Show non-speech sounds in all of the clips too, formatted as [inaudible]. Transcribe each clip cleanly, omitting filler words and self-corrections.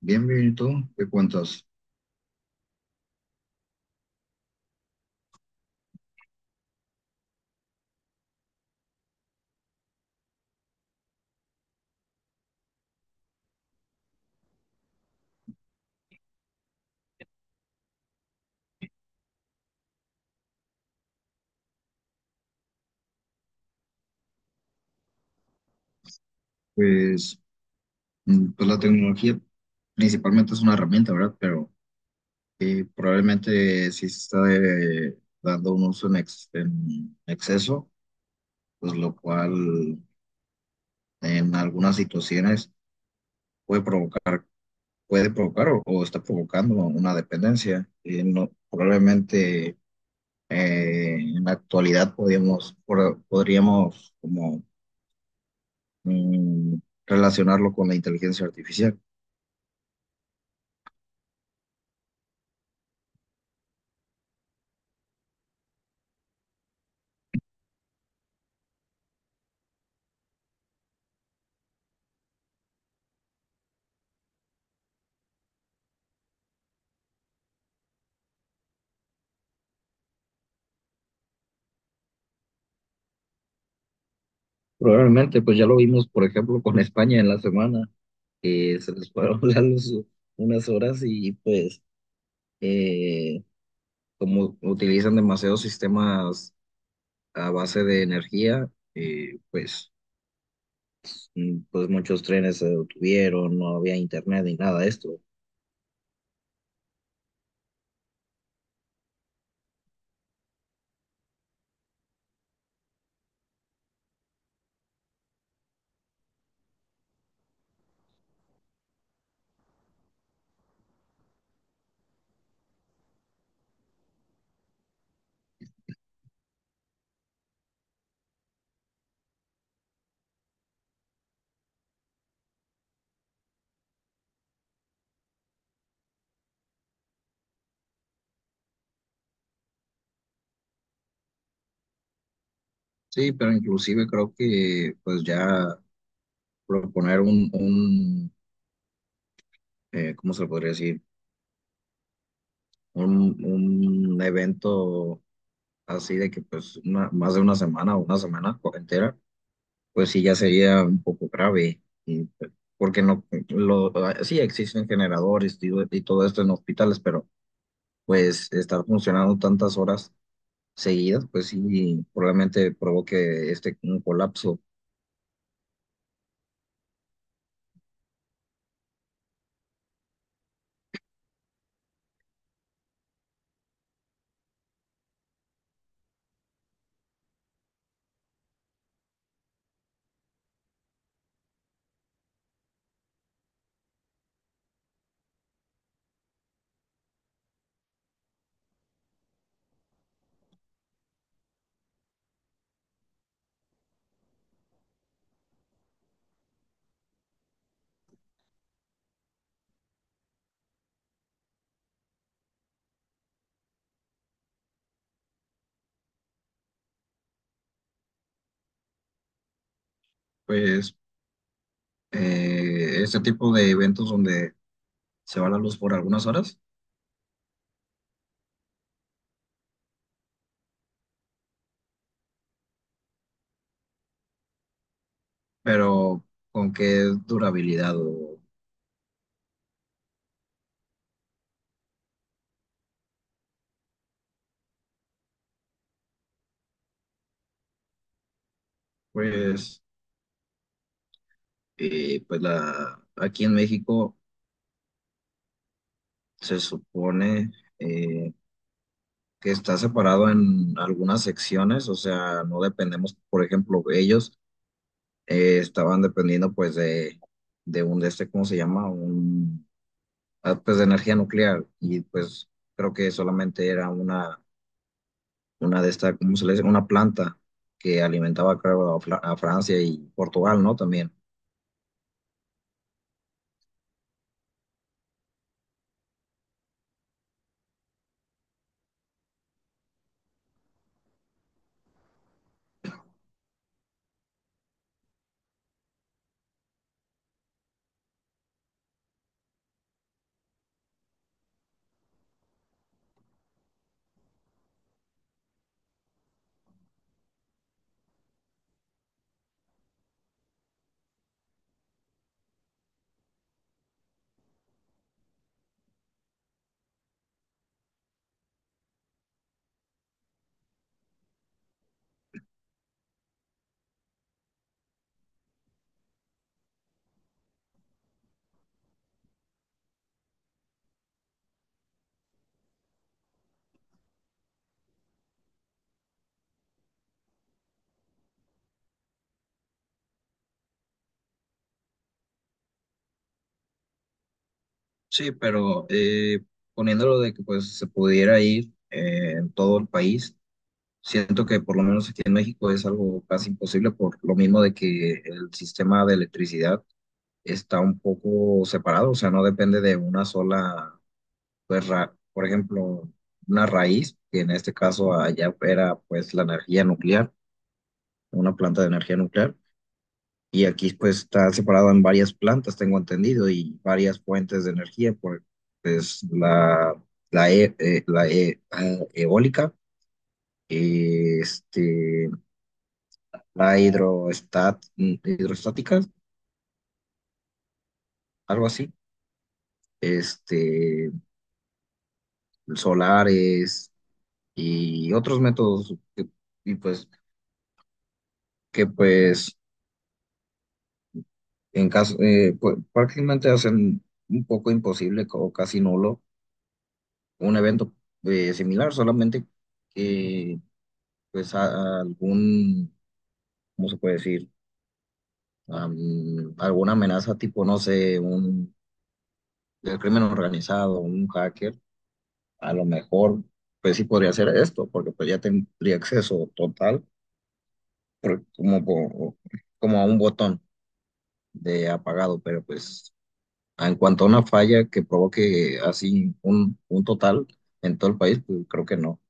Bien, bien, ¿y tú? ¿Qué cuentas? Pues, pues la tecnología principalmente es una herramienta, ¿verdad? Pero probablemente sí se está dando un uso en exceso, pues lo cual en algunas situaciones puede provocar, puede provocar o está provocando una dependencia. No, probablemente en la actualidad podríamos como mm, relacionarlo con la inteligencia artificial. Probablemente, pues ya lo vimos, por ejemplo, con España en la semana, que se les fueron [laughs] la luz unas horas y pues eh, como utilizan demasiados sistemas a base de energía, pues, pues muchos trenes se detuvieron, no había internet ni nada de esto. Sí, pero inclusive creo que pues ya proponer un ¿cómo se le podría decir? Un evento así de que más de una semana o una semana entera, pues sí ya sería un poco grave, y, pues, porque no, sí existen generadores y todo esto en hospitales, pero pues estar funcionando tantas horas seguidas, pues sí probablemente provoque este un colapso. Pues este tipo de eventos donde se va la luz por algunas horas, pero con qué durabilidad o pues, pues aquí en México se supone eh, que está separado en algunas secciones, o sea, no dependemos, por ejemplo, ellos estaban dependiendo pues de un, de este, ¿cómo se llama? Pues de energía nuclear y pues creo que solamente era una de estas, ¿cómo se le dice? Una planta que alimentaba, creo, a Francia y Portugal, ¿no? También. Sí, pero poniéndolo de que pues se pudiera ir en todo el país. Siento que por lo menos aquí en México es algo casi imposible por lo mismo de que el sistema de electricidad está un poco separado, o sea, no depende de una sola, por ejemplo, una raíz, que en este caso allá era pues la energía nuclear, una planta de energía nuclear, y aquí pues está separado en varias plantas, tengo entendido, y varias fuentes de energía, por, pues eólica, este hidroestática, algo así, este, solares y otros métodos y pues, que pues en caso, pues, prácticamente hacen un poco imposible o casi nulo un evento similar, solamente que algún, ¿cómo se puede decir? Am, alguna amenaza tipo, no sé, un el crimen organizado, un hacker a lo mejor, pues sí podría hacer esto, porque pues ya tendría acceso total, por- como, por- como a un botón de apagado, pero pues en cuanto a una falla que provoque así un total en todo el país, pues creo que no.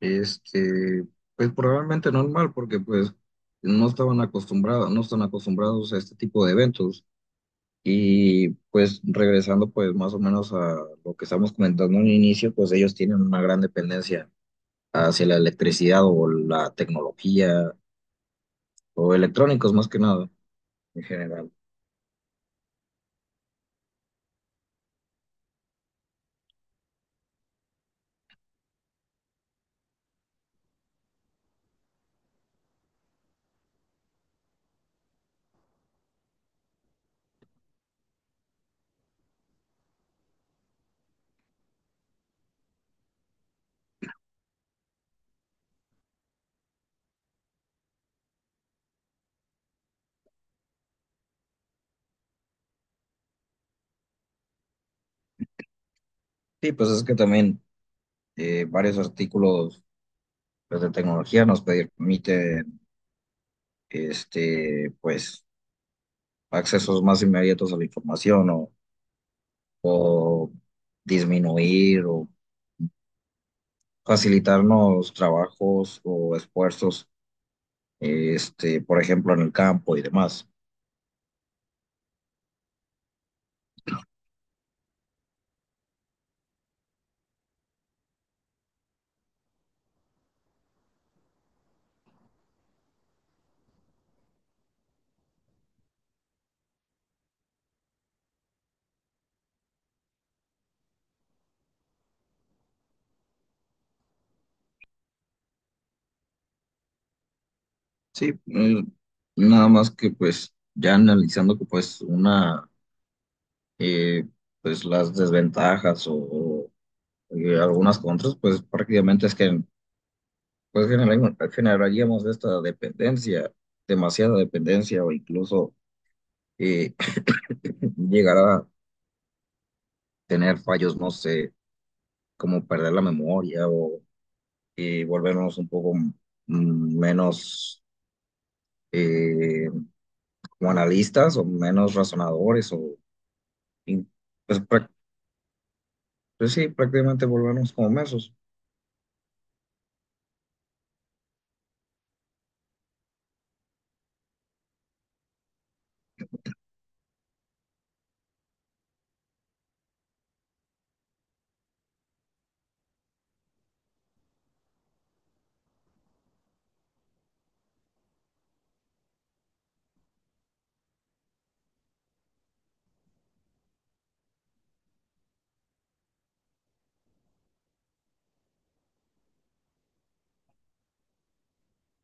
Este, pues probablemente normal, porque pues no estaban acostumbrados, no están acostumbrados a este tipo de eventos. Y pues regresando pues más o menos a lo que estamos comentando en un inicio, pues ellos tienen una gran dependencia hacia la electricidad o la tecnología o electrónicos más que nada en general. Sí, pues es que también varios artículos pues, de tecnología nos permiten este, pues, accesos más inmediatos a la información o disminuir o facilitarnos trabajos o esfuerzos, este, por ejemplo, en el campo y demás. Sí, nada más que pues ya analizando que pues una. Y pues las desventajas y algunas contras, pues prácticamente es que pues, generaríamos esta dependencia, demasiada dependencia o incluso eh, [laughs] [clears throat] llegar a tener fallos, no sé, como perder la memoria o volvernos un poco menos eh, como analistas o menos razonadores in- pues, pues sí, prácticamente volvernos como mensos.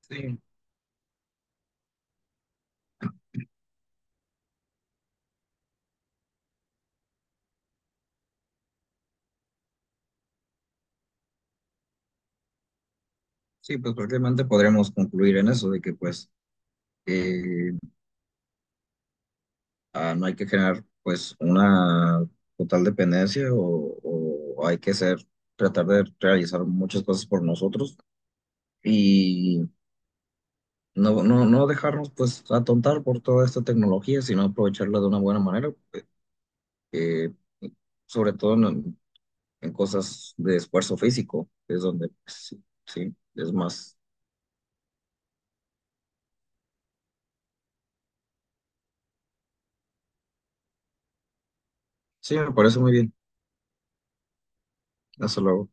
Sí. Sí, pues prácticamente podríamos concluir en eso, de que pues eh, no hay que generar pues una total dependencia o hay que ser, tratar de realizar muchas cosas por nosotros y no dejarnos pues atontar por toda esta tecnología, sino aprovecharla de una buena manera, eh, sobre todo en cosas de esfuerzo físico, que es donde pues, sí, sí, es más. Sí, me parece muy bien. Hasta luego.